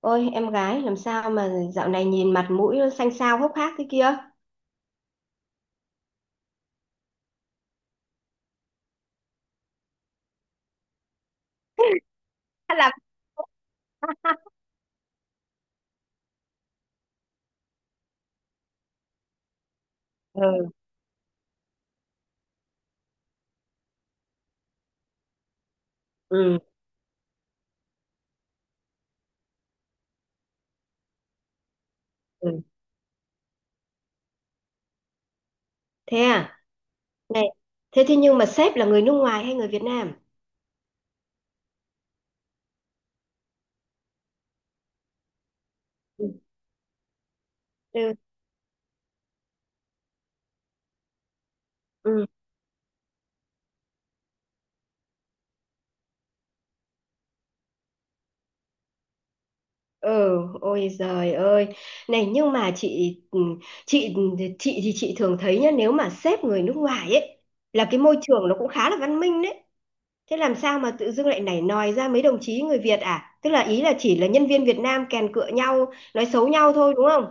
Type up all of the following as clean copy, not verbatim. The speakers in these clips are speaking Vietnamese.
Ôi, em gái làm sao mà dạo này nhìn mặt mũi nó xanh xao hốc hác thế kia? Hay là ừ ừ ừ. Thế à? Này, thế thế nhưng mà sếp là người nước ngoài hay người Việt Nam? Ừ ừ ừ. Ừ, ôi giời ơi, này nhưng mà chị ừ, chị chị thì chị thường thấy nhá, nếu mà sếp người nước ngoài ấy là cái môi trường nó cũng khá là văn minh đấy. Thế làm sao mà tự dưng lại nảy nòi ra mấy đồng chí người Việt à, tức là ý là chỉ là nhân viên Việt Nam kèn cựa nhau nói xấu nhau thôi, đúng không?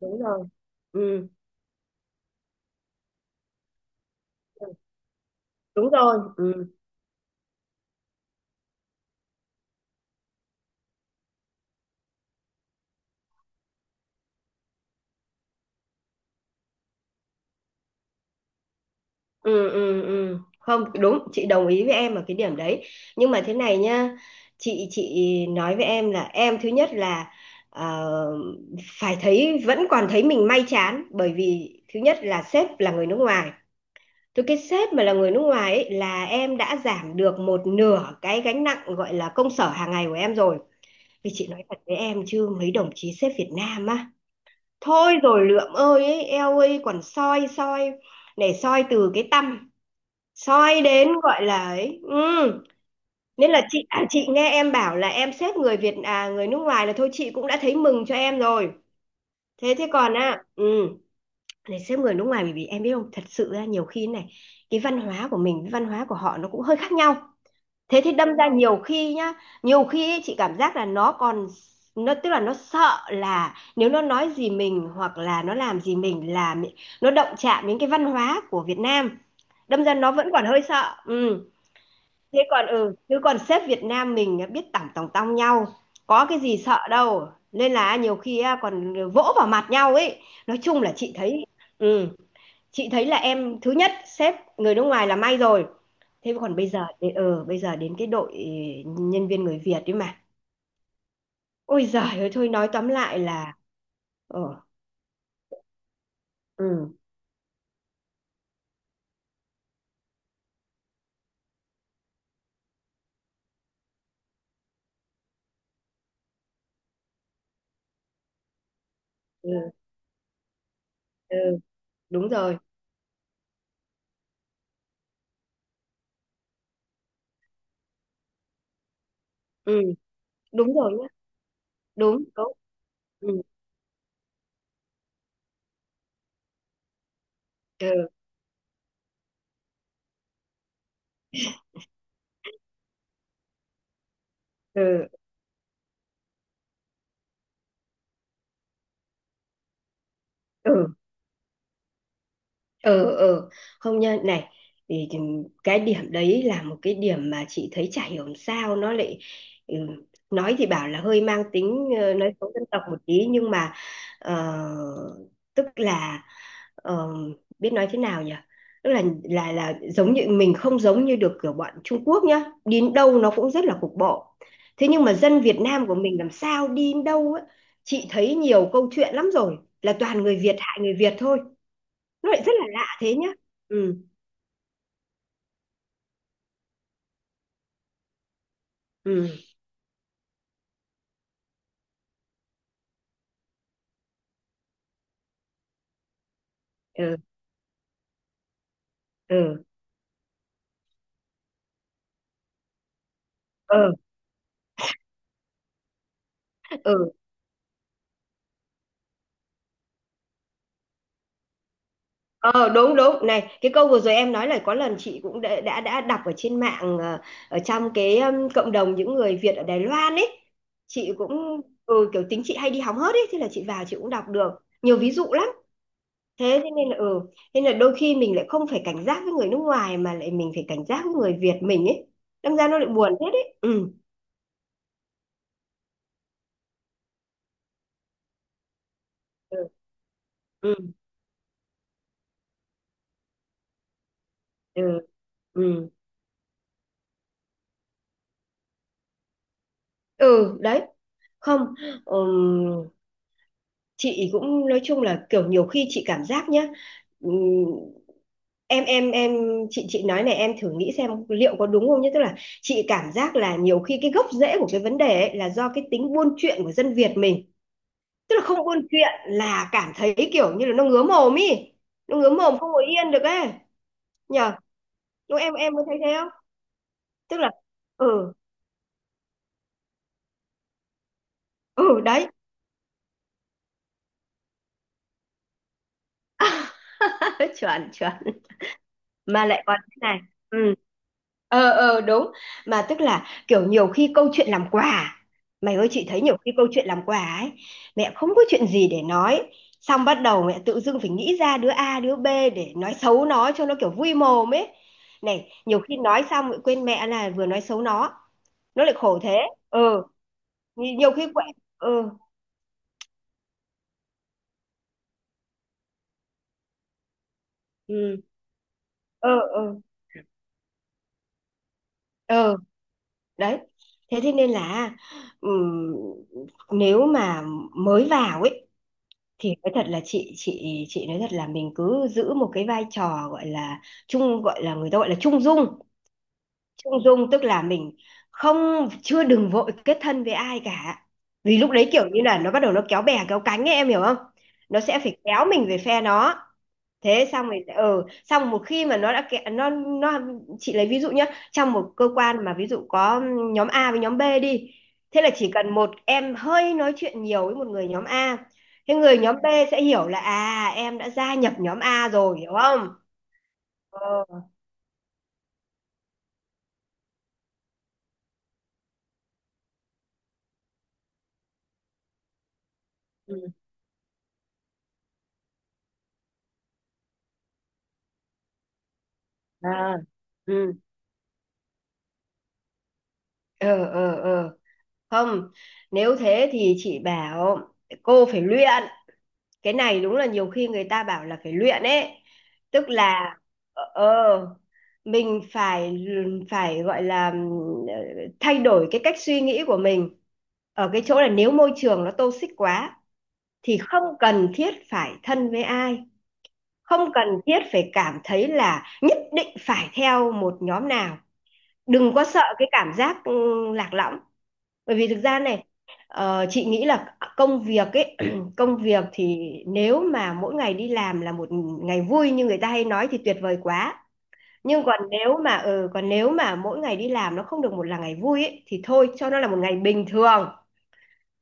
Đúng rồi. Ừ, đúng rồi. Ừ ừ ừ ừ. Không đúng, chị đồng ý với em ở cái điểm đấy, nhưng mà thế này nhá, chị nói với em là em thứ nhất là ờ, phải thấy vẫn còn thấy mình may chán, bởi vì thứ nhất là sếp là người nước ngoài. Từ cái sếp mà là người nước ngoài ấy, là em đã giảm được một nửa cái gánh nặng gọi là công sở hàng ngày của em rồi. Vì chị nói thật với em chứ mấy đồng chí sếp Việt Nam á, thôi rồi lượm ơi ấy, eo ơi còn soi soi, này soi từ cái tâm soi đến gọi là ấy ừ. Nên là chị à, chị nghe em bảo là em xếp người Việt à người nước ngoài là thôi chị cũng đã thấy mừng cho em rồi. Thế thế còn à ừ, để xếp người nước ngoài, bởi vì em biết không, thật sự ra nhiều khi này cái văn hóa của mình với văn hóa của họ nó cũng hơi khác nhau, thế thì đâm ra nhiều khi nhá, nhiều khi ấy, chị cảm giác là nó còn tức là nó sợ là nếu nó nói gì mình hoặc là nó làm gì mình là nó động chạm đến cái văn hóa của Việt Nam, đâm ra nó vẫn còn hơi sợ ừ. Thế còn ừ, chứ còn sếp Việt Nam mình biết tỏng tòng tong nhau, có cái gì sợ đâu nên là nhiều khi á, còn vỗ vào mặt nhau ấy. Nói chung là chị thấy ừ, chị thấy là em thứ nhất sếp người nước ngoài là may rồi. Thế còn bây giờ ờ bây giờ đến cái đội nhân viên người Việt ấy mà. Ôi giời ơi thôi nói tóm lại là ờ ừ ừ, ừ đúng rồi. Ừ, đúng rồi nhá. Đúng đúng. Ừ ừ ừ ừ ừ ừ, không nha, này thì cái điểm đấy là một cái điểm mà chị thấy chả hiểu làm sao nó lại ừ, nói thì bảo là hơi mang tính ờ, nói xấu dân tộc một tí nhưng mà ờ, tức là ờ, biết nói thế nào nhỉ, tức là giống như mình không giống như được kiểu bọn Trung Quốc nhá, đi đến đâu nó cũng rất là cục bộ. Thế nhưng mà dân Việt Nam của mình làm sao đi đến đâu á, chị thấy nhiều câu chuyện lắm rồi là toàn người Việt hại người Việt thôi, nó lại rất là lạ thế nhá. Ừ ừ ừ ừ ừ ừ ờ đúng đúng, này cái câu vừa rồi em nói là có lần chị cũng đã đã đọc ở trên mạng ờ, ở trong cái cộng đồng những người Việt ở Đài Loan ấy, chị cũng ừ, kiểu tính chị hay đi hóng hớt ấy, thế là chị vào chị cũng đọc được nhiều ví dụ lắm. Thế thế nên là ừ, nên là đôi khi mình lại không phải cảnh giác với người nước ngoài mà lại mình phải cảnh giác với người Việt mình ấy, đâm ra nó lại buồn hết ấy ừ. Ừ ừ ừ ừ, ừ. Đấy. Không, ừm, chị cũng nói chung là kiểu nhiều khi chị cảm giác nhá, ừm, em, chị nói này em thử nghĩ xem liệu có đúng không nhé, tức là chị cảm giác là nhiều khi cái gốc rễ của cái vấn đề ấy là do cái tính buôn chuyện của dân Việt mình, tức là không buôn chuyện là cảm thấy kiểu như là nó ngứa mồm ý, nó ngứa mồm không ngồi yên được ấy, nhờ? Đúng, em có thấy thế không, tức là ừ ừ đấy chuẩn chuẩn, mà lại còn thế này ừ ờ ờ đúng. Mà tức là kiểu nhiều khi câu chuyện làm quà à? Mày ơi, chị thấy nhiều khi câu chuyện làm quà ấy, mẹ không có chuyện gì để nói xong bắt đầu mẹ tự dưng phải nghĩ ra đứa A đứa B để nói xấu nó cho nó kiểu vui mồm ấy, này nhiều khi nói xong lại quên mẹ là vừa nói xấu nó lại khổ thế. Ừ nhiều khi quậy ừ ừ ừ ừ ừ. Đấy, thế thế nên là ừm, nếu mà mới vào ấy thì nói thật là chị chị nói thật là mình cứ giữ một cái vai trò gọi là trung gọi là người ta gọi là trung dung, trung dung tức là mình không chưa đừng vội kết thân với ai cả, vì lúc đấy kiểu như là nó bắt đầu nó kéo bè kéo cánh ấy, em hiểu không? Nó sẽ phải kéo mình về phe nó. Thế xong rồi ừ xong một khi mà nó đã kẹ, nó chị lấy ví dụ nhé, trong một cơ quan mà ví dụ có nhóm A với nhóm B đi, thế là chỉ cần một em hơi nói chuyện nhiều với một người nhóm A, thế người nhóm B sẽ hiểu là à em đã gia nhập nhóm A rồi, hiểu không? Ờ ừ à, ừ ờ ờ ờ. Không, nếu thế thì chị bảo cô phải luyện, cái này đúng là nhiều khi người ta bảo là phải luyện ấy, tức là ờ ờ, mình phải phải gọi là ừ, thay đổi cái cách suy nghĩ của mình ở cái chỗ là nếu môi trường nó toxic quá thì không cần thiết phải thân với ai, không cần thiết phải cảm thấy là nhất định phải theo một nhóm nào, đừng có sợ cái cảm giác ừ, lạc lõng, bởi vì thực ra này chị nghĩ là công việc ấy công việc thì nếu mà mỗi ngày đi làm là một ngày vui như người ta hay nói thì tuyệt vời quá. Nhưng còn nếu mà ừ, còn nếu mà mỗi ngày đi làm nó không được một là ngày vui ấy, thì thôi cho nó là một ngày bình thường,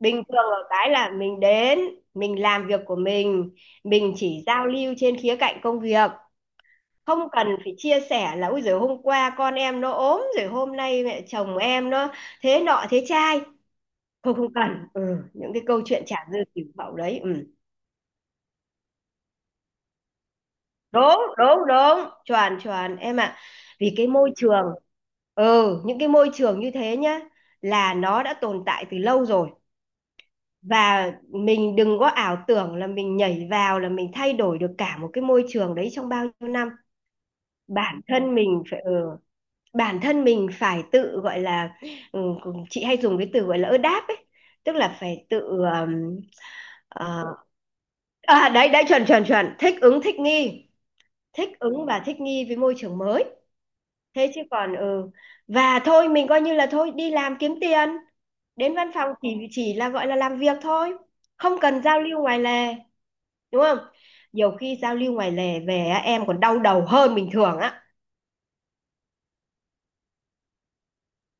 bình thường ở cái là mình đến mình làm việc của mình chỉ giao lưu trên khía cạnh công việc, không cần phải chia sẻ là ôi giời hôm qua con em nó ốm rồi hôm nay mẹ chồng em nó thế nọ thế trai, không không cần ừ, những cái câu chuyện chả dư tiểu hậu đấy ừ. Đúng đúng đúng chuẩn chuẩn em ạ, vì cái môi trường ừ những cái môi trường như thế nhá là nó đã tồn tại từ lâu rồi, và mình đừng có ảo tưởng là mình nhảy vào là mình thay đổi được cả một cái môi trường đấy trong bao nhiêu năm. Bản thân mình phải ừ, bản thân mình phải tự, gọi là, chị hay dùng cái từ, gọi là, đáp ấy, tức là phải tự, ờm, ờ à, đấy, đấy, chuẩn, chuẩn, chuẩn, thích ứng, thích nghi, thích ứng và thích nghi với môi trường mới. Thế chứ còn ừ, và thôi mình coi như là thôi đi làm kiếm tiền, đến văn phòng chỉ là, gọi là, làm việc thôi, không cần giao lưu ngoài lề, đúng không? Nhiều khi giao lưu ngoài lề về á, em còn đau đầu hơn bình thường á.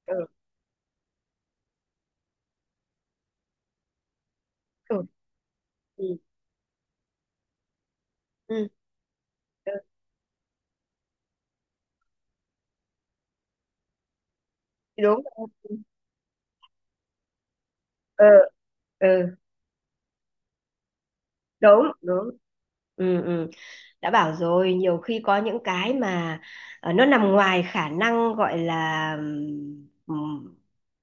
Ừ, ừ, ừ, ừ, ừ, đúng rồi. Ừ, ừ. Ừ. Đúng đúng. Ừ, ừ. Đã bảo rồi nhiều khi có những cái mà nó nằm ngoài khả năng gọi là ừm,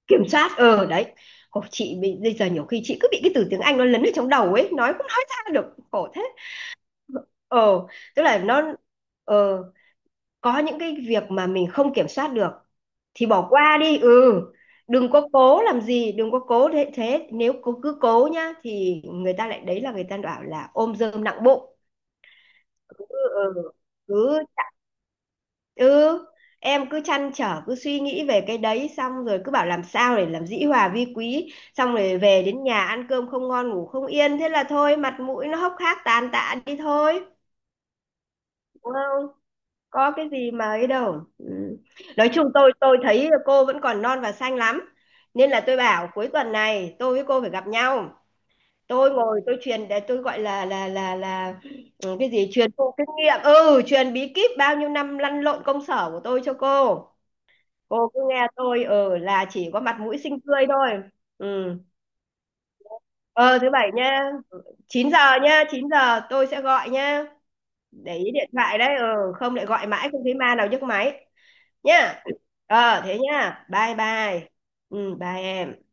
kiểm soát ờ đấy, khổ chị bị bây giờ nhiều khi chị cứ bị cái từ tiếng Anh nó lấn ở trong đầu ấy nói cũng nói ra được, khổ thế. Ờ tức là nó ờ có những cái việc mà mình không kiểm soát được thì bỏ qua đi ừ, đừng có cố làm gì đừng có cố thế thế nếu cứ cố nhá thì người ta lại đấy là người ta bảo là ôm dơm nặng bụng. Ừ, cứ ừ, em cứ trăn trở cứ suy nghĩ về cái đấy xong rồi cứ bảo làm sao để làm dĩ hòa vi quý xong rồi về đến nhà ăn cơm không ngon ngủ không yên thế là thôi mặt mũi nó hốc hác tàn tạ đi thôi, đúng không, có cái gì mà ấy đâu ừ. Nói chung tôi thấy cô vẫn còn non và xanh lắm, nên là tôi bảo cuối tuần này tôi với cô phải gặp nhau, tôi ngồi tôi truyền để tôi gọi là ừ, cái gì truyền thụ kinh nghiệm, ừ truyền bí kíp bao nhiêu năm lăn lộn công sở của tôi cho cô. Cô cứ nghe tôi ừ là chỉ có mặt mũi xinh tươi thôi. Ừ, ờ thứ bảy nha, 9 giờ nha, 9 giờ tôi sẽ gọi nha, để ý điện thoại đấy ừ, không lại gọi mãi không thấy ma nào nhấc máy nha. Ờ thế nha bye bye. Ừ bye em.